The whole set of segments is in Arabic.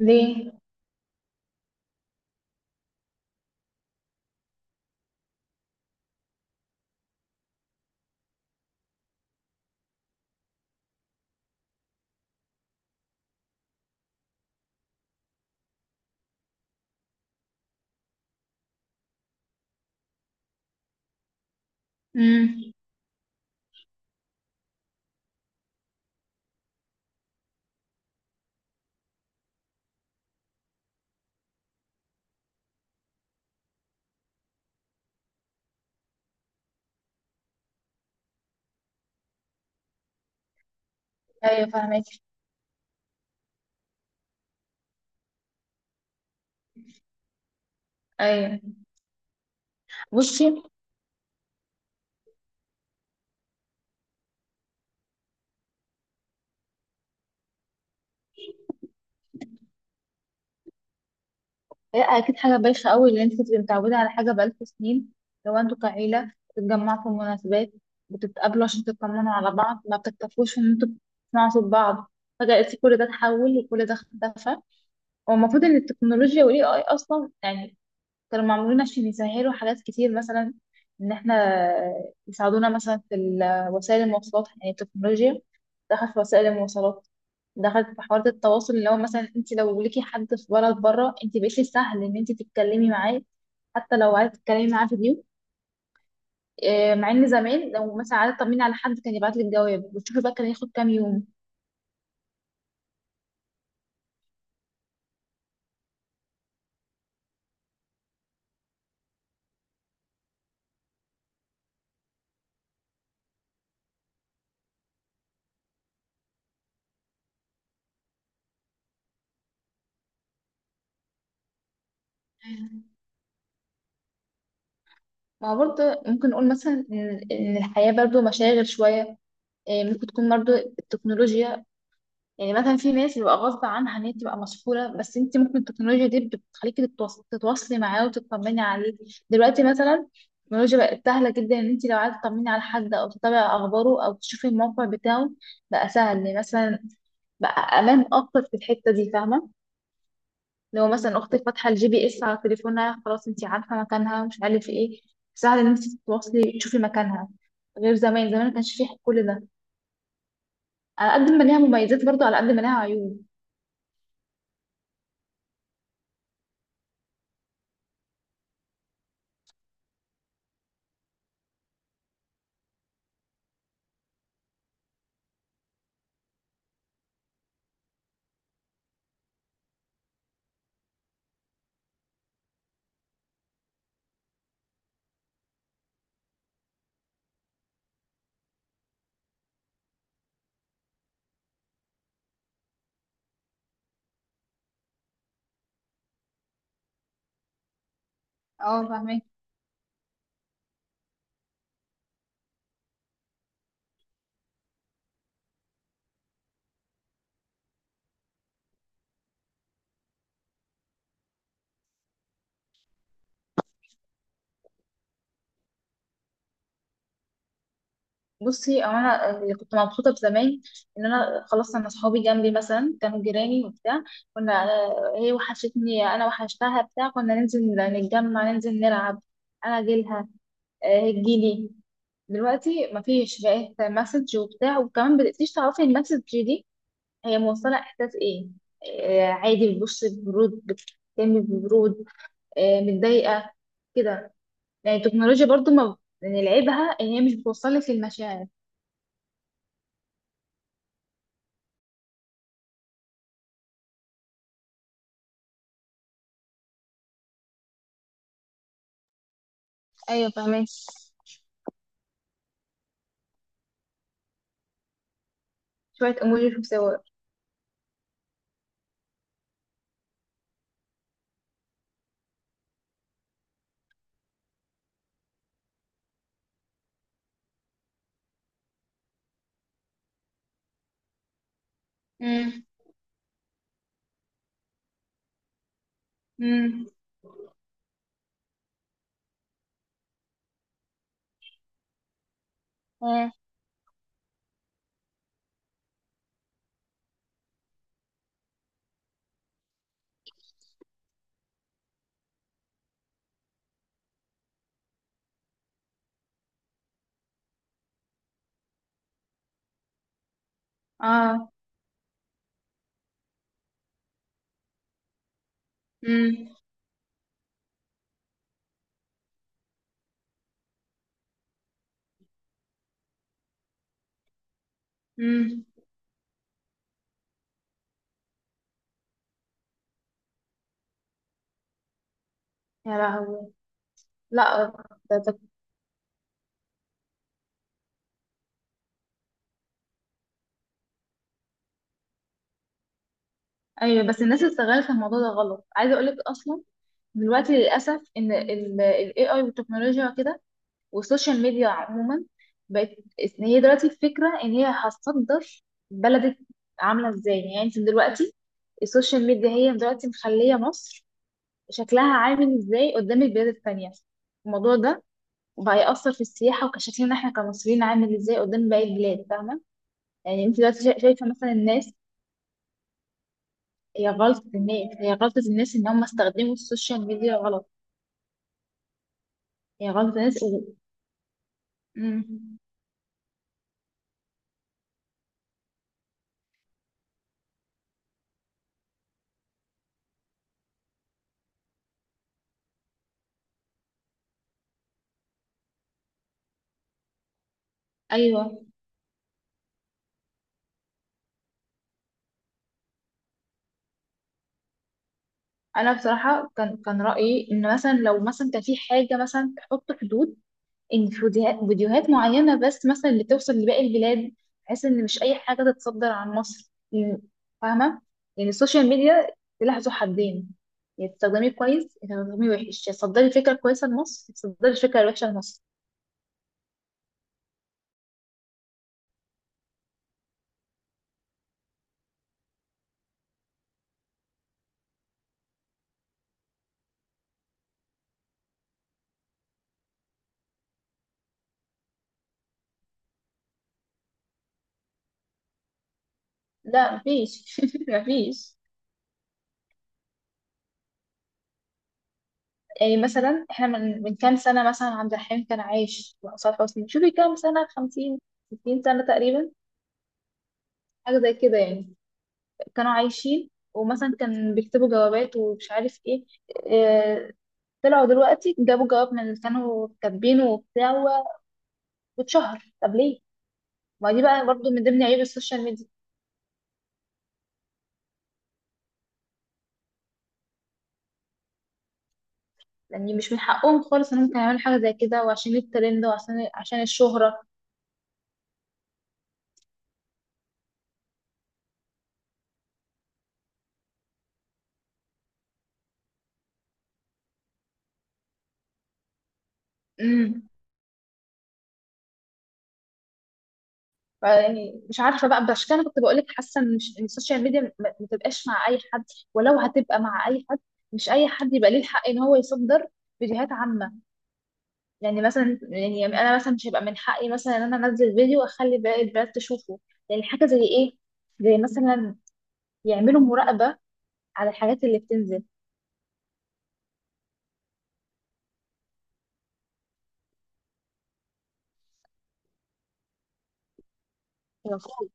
ليه؟ امم. ايوه فاهمك. ايوه، بصي. هي اكيد حاجه بايخه قوي اللي انت بتبقي متعوده على حاجه بقالكوا سنين، لو انتوا كعيله بتتجمعوا في مناسبات، بتتقابلوا عشان تطمنوا على بعض، ما بتكتفوش ان انتوا بتسمعوا صوت بعض، فجاه لقيتي كل ده اتحول وكل ده اختفى. هو المفروض ان التكنولوجيا والاي اي اصلا يعني كانوا معمولين عشان يسهلوا حاجات كتير، مثلا ان احنا يساعدونا مثلا في وسائل المواصلات، يعني التكنولوجيا دخلت في وسائل المواصلات، دخلت في حوارات التواصل، اللي هو مثلا انت لو ليكي حد في بلد بره انت بقيتي سهل ان انت تتكلمي معاه، حتى لو عايزه تتكلمي معاه فيديو. آه، مع ان زمان لو مثلا عايزه تطمني على حد كان يبعت لك جواب وتشوفي، بقى كان ياخد كام يوم. ما برضه ممكن نقول مثلا إن الحياة برضه مشاغل شوية. إيه، ممكن تكون برضه التكنولوجيا، يعني مثلا في ناس يبقى غصب عنها ان هي تبقى مسحوله، بس انت ممكن التكنولوجيا دي بتخليكي تتواصلي معاه وتطمني عليه. دلوقتي مثلا التكنولوجيا بقت سهله جدا، ان انت لو عايزه تطمني على حد او تتابعي اخباره او تشوفي الموقع بتاعه، بقى سهل يعني مثلا، بقى امان اكتر في الحته دي، فاهمه؟ لو مثلا اختك فاتحه الجي بي اس على تليفونها، خلاص انت عارفه مكانها، مش عارف ايه، سهل ان انت تتواصلي تشوفي مكانها، غير زمان، زمان ما كانش فيه كل ده. على قد ما ليها مميزات برضه، على قد ما ليها عيوب. اه فاهمه. بصي، هو انا اللي كنت مبسوطه بزمان ان انا خلاص، انا اصحابي جنبي مثلا كانوا جيراني وبتاع، كنا آه، هي وحشتني انا وحشتها بتاع، كنا ننزل نتجمع ننزل نلعب، انا اجيلها، آه، هي تجيلي. دلوقتي مفيش، بقيت مسج وبتاع، وكمان مبقتيش تعرفي المسج دي هي موصله احساس ايه، آه، عادي بتبص ببرود بتتكلمي ببرود، آه، متضايقه كده، يعني التكنولوجيا برضو ما، يعني لعيبها ان هي مش بتوصلك للمشاعر. ايوه فاهمك. شويه اموجي وشوف صور. مم. مم. مم. اه. مم. مم. يا لهوي. لا. ده ده- ايوه، بس الناس استغلت الموضوع ده غلط، عايزه اقول لك اصلا دلوقتي للاسف ان ال AI والتكنولوجيا كده، والسوشيال ميديا عموما بقت، إن هي دلوقتي الفكره ان هي هتصدر بلدك عامله ازاي، يعني انت دلوقتي السوشيال ميديا هي دلوقتي مخليه مصر شكلها عامل ازاي قدام البلاد التانيه، الموضوع ده، وبقى يأثر في السياحة، وكشكلنا احنا كمصريين عامل ازاي قدام باقي البلاد، فاهمة؟ يعني انت دلوقتي شايفة مثلا الناس. هي غلطة الناس، هي غلطة الناس ان هم استخدموا السوشيال ميديا غلط، هي غلطة الناس و... مم. ايوه. انا بصراحة كان رأيي ان مثلا لو مثلا كان في حاجة مثلا تحط حدود، ان في فيديوهات، فيديوهات معينه بس مثلا اللي توصل لباقي البلاد، بحيث ان مش اي حاجه تتصدر عن مصر فاهمه؟ يعني السوشيال ميديا سلاح ذو حدين، يا تستخدميه كويس يا تستخدميه وحش، يا تصدري فكره كويسه لمصر يا تصدري فكره وحشه لمصر. لا، مفيش مفيش. يعني مثلا احنا من كام سنه مثلا عبد الحليم كان عايش، وحسام حسني، شوفي كام سنه، 50 60 سنه تقريبا، حاجه زي كده يعني، كانوا عايشين، ومثلا كان بيكتبوا جوابات ومش عارف ايه، آه، طلعوا دلوقتي جابوا جواب من اللي كانوا كاتبينه وبتاع واتشهر، طب ليه؟ ما دي بقى برضو من ضمن عيوب السوشيال ميديا، يعني مش من حقهم خالص انهم كانوا يعملوا حاجه زي كده، وعشان الترند، وعشان الشهره. امم. يعني مش عارفه بقى، عشان كده انا كنت بقول لك حاسه ان إن السوشيال ميديا ما تبقاش مع اي حد، ولو هتبقى مع اي حد، مش اي حد يبقى ليه الحق ان هو يصدر فيديوهات عامه، يعني مثلا، يعني انا مثلا مش هيبقى من حقي مثلا ان انا انزل فيديو واخلي باقي البنات تشوفه، يعني حاجه زي ايه، زي مثلا يعملوا مراقبة على الحاجات اللي بتنزل. المفروض،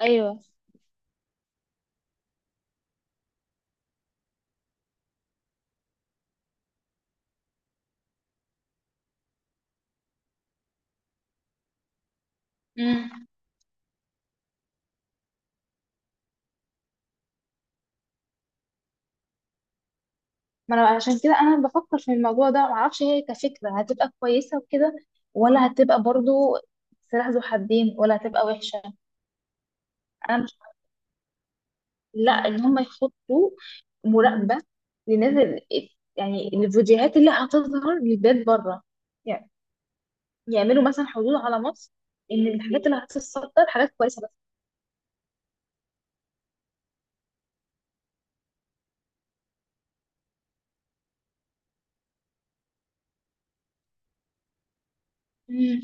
ايوه. امم. ما انا عشان كده انا بفكر في الموضوع ده، معرفش هي كفكرة هتبقى كويسة وكده، ولا هتبقى برضو سلاح ذو حدين، ولا هتبقى وحشة. انا مش، لا، ان هم يحطوا مراقبة للناس يعني الفيديوهات اللي هتظهر للبيت بره، يعني يعملوا مثلا حدود على مصر، ان الحاجات اللي هتتصدر حاجات كويسة بس. امم.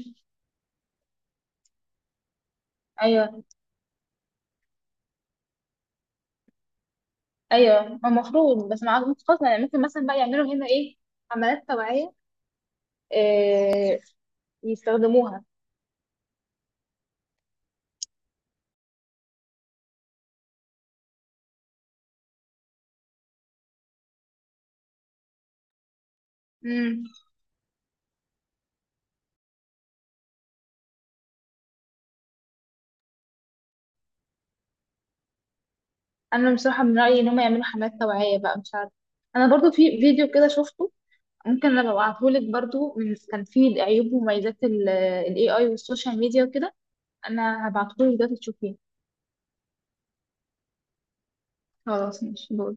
ايوه، ايوه المفروض، بس مع، خلاص يعني ممكن مثلا بقى يعملوا هنا ايه، حملات توعيه، إيه، يستخدموها. امم. انا بصراحه من رايي ان هم يعملوا حملات توعيه بقى، مش عارفه، انا برضو في فيديو كده شفته، ممكن انا ابعتهولك برضو، من كان فيه عيوب ومميزات الاي اي والسوشيال ميديا وكده، انا هبعتهولك دلوقتي تشوفيه. خلاص ماشي، باي.